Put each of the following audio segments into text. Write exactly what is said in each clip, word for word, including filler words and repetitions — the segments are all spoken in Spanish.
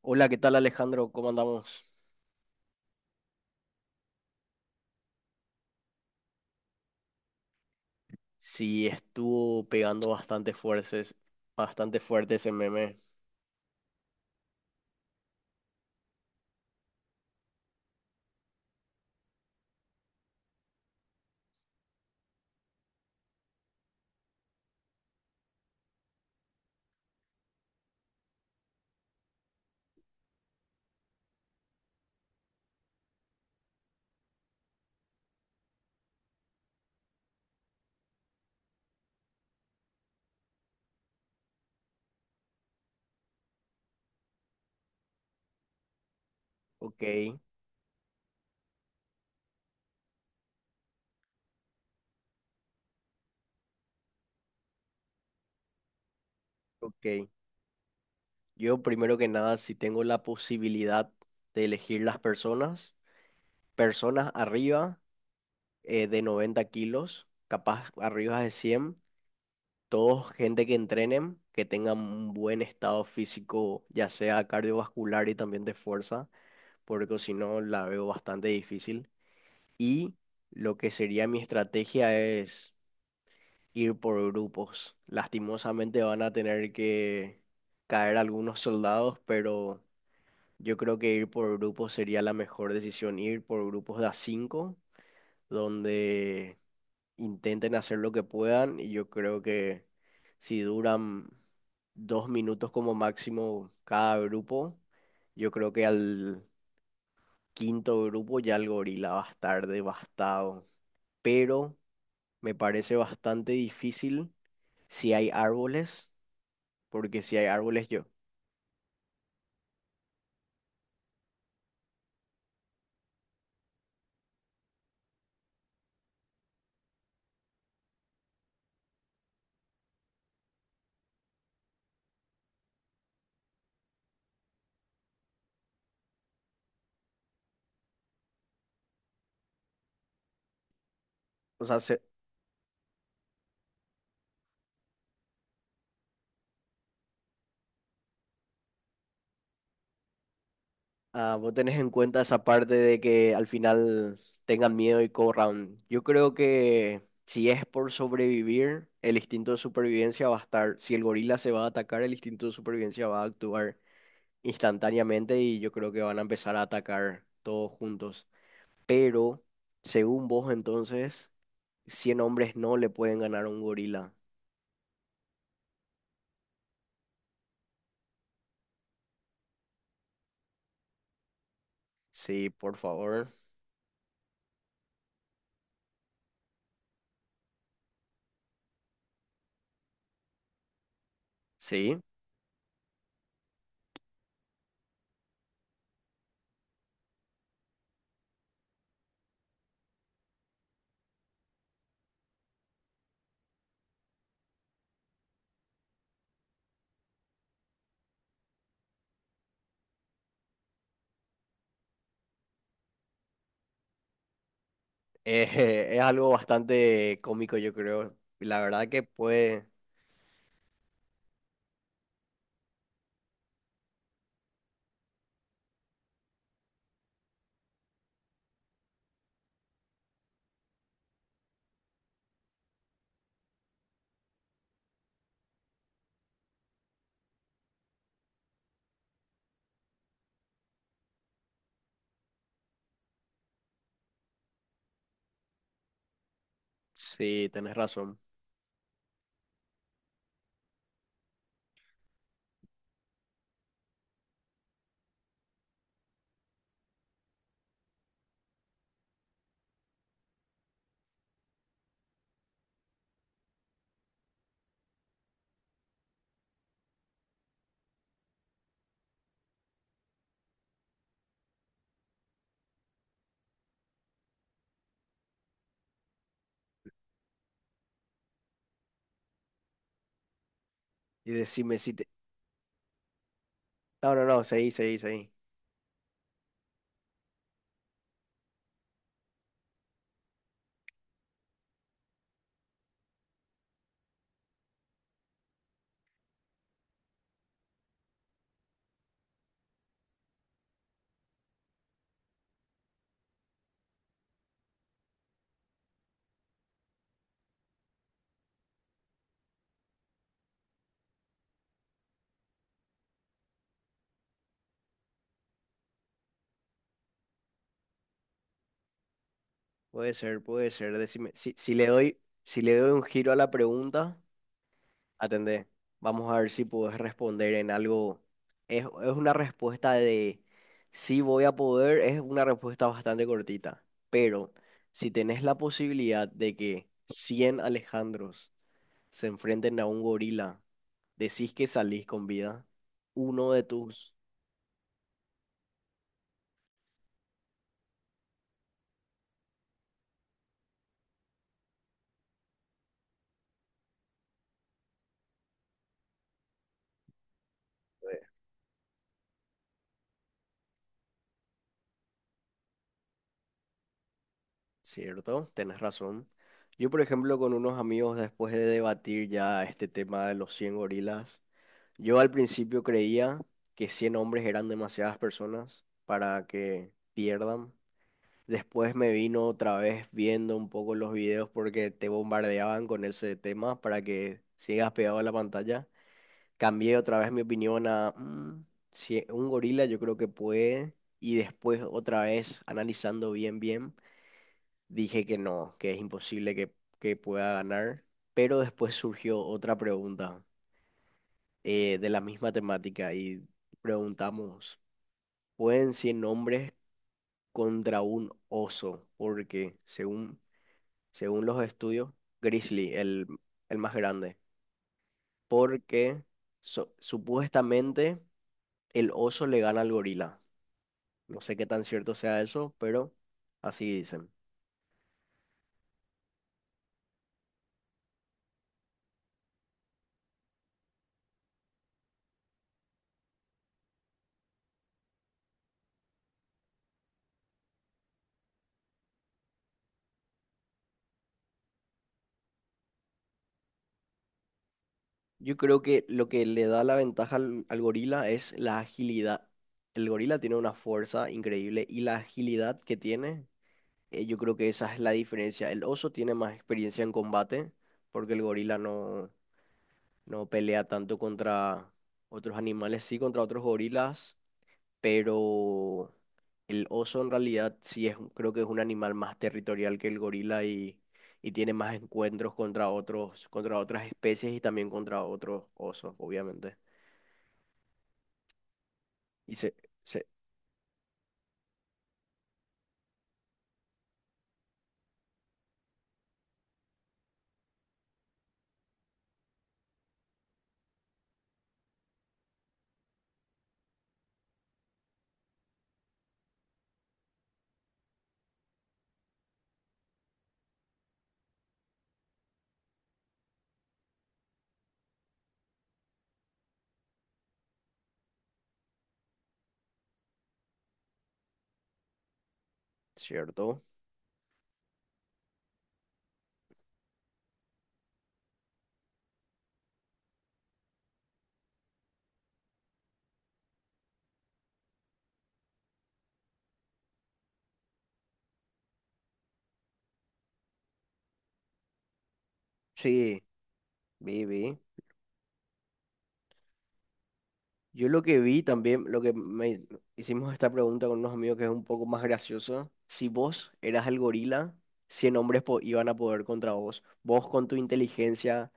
Hola, ¿qué tal, Alejandro? ¿Cómo andamos? Sí, estuvo pegando bastante fuertes, bastante fuerte ese meme. Ok, ok. Yo, primero que nada, si tengo la posibilidad de elegir las personas, personas arriba eh, de noventa kilos, capaz arriba de cien, todos gente que entrenen, que tengan un buen estado físico, ya sea cardiovascular y también de fuerza, porque si no la veo bastante difícil. Y lo que sería mi estrategia es ir por grupos. Lastimosamente van a tener que caer algunos soldados, pero yo creo que ir por grupos sería la mejor decisión. Ir por grupos de a cinco, donde intenten hacer lo que puedan. Y yo creo que si duran dos minutos como máximo cada grupo, yo creo que al quinto grupo ya el gorila va a estar devastado. Pero me parece bastante difícil si hay árboles, porque si hay árboles yo. O sea, se- ah, vos tenés en cuenta esa parte de que al final tengan miedo y corran. Yo creo que si es por sobrevivir, el instinto de supervivencia va a estar. Si el gorila se va a atacar, el instinto de supervivencia va a actuar instantáneamente y yo creo que van a empezar a atacar todos juntos. Pero, según vos entonces, cien hombres no le pueden ganar a un gorila. Sí, por favor. Sí, eh, es algo bastante cómico, yo creo. Y la verdad que puede, sí, tenés razón. Y decime si te... No, no, no, seguí, seguí, seguí. Puede ser, puede ser. Decime, si, si le doy, si le doy un giro a la pregunta, atendé. Vamos a ver si puedes responder en algo. Es, es una respuesta de sí voy a poder, es una respuesta bastante cortita. Pero si tenés la posibilidad de que cien Alejandros se enfrenten a un gorila, decís que salís con vida, uno de tus... eh, cierto, tenés razón. Yo, por ejemplo, con unos amigos, después de debatir ya este tema de los cien gorilas, yo al principio creía que cien hombres eran demasiadas personas para que pierdan. Después me vino otra vez viendo un poco los videos porque te bombardeaban con ese tema para que sigas pegado a la pantalla. Cambié otra vez mi opinión a "Mm, si un gorila yo creo que puede". Y después otra vez analizando bien, bien, dije que no, que es imposible que, que pueda ganar. Pero después surgió otra pregunta, eh, de la misma temática, y preguntamos, ¿pueden cien hombres contra un oso? Porque según, según los estudios, Grizzly, el, el más grande, porque so- supuestamente el oso le gana al gorila. No sé qué tan cierto sea eso, pero así dicen. Yo creo que lo que le da la ventaja al, al gorila es la agilidad. El gorila tiene una fuerza increíble y la agilidad que tiene, eh, yo creo que esa es la diferencia. El oso tiene más experiencia en combate porque el gorila no, no pelea tanto contra otros animales, sí contra otros gorilas. Pero el oso en realidad sí es, un- creo que es un animal más territorial que el gorila y, y tiene más encuentros contra otros, contra otras especies y también contra otros osos, obviamente. Y se, se, ¿cierto? Sí, vi, vi. Yo lo que vi también, lo que me hicimos esta pregunta con unos amigos que es un poco más gracioso. Si vos eras el gorila, cien hombres po- iban a poder contra vos. Vos con tu inteligencia,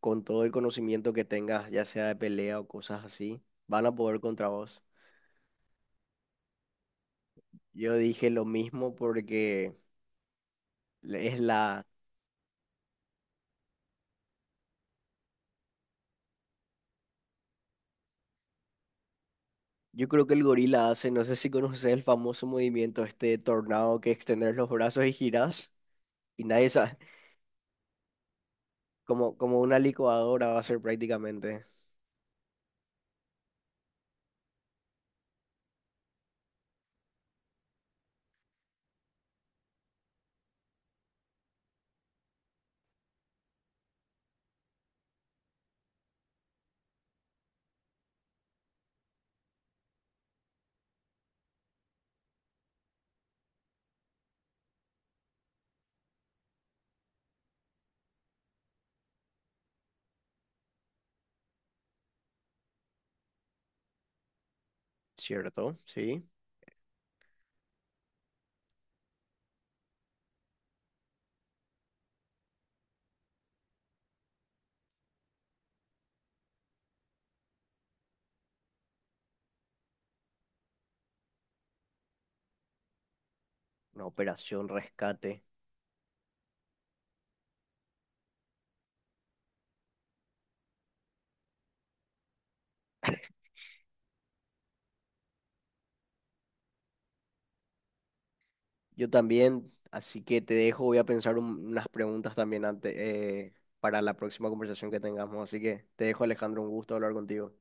con todo el conocimiento que tengas, ya sea de pelea o cosas así, van a poder contra vos. Yo dije lo mismo porque le- es la... Yo creo que el gorila hace, no sé si conoces el famoso movimiento este de tornado que extender los brazos y girás y nadie sabe, como, como una licuadora va a ser prácticamente. Cierto, sí. Una operación rescate. Yo también, así que te dejo, voy a pensar un- unas preguntas también antes, eh, para la próxima conversación que tengamos. Así que te dejo, Alejandro, un gusto hablar contigo.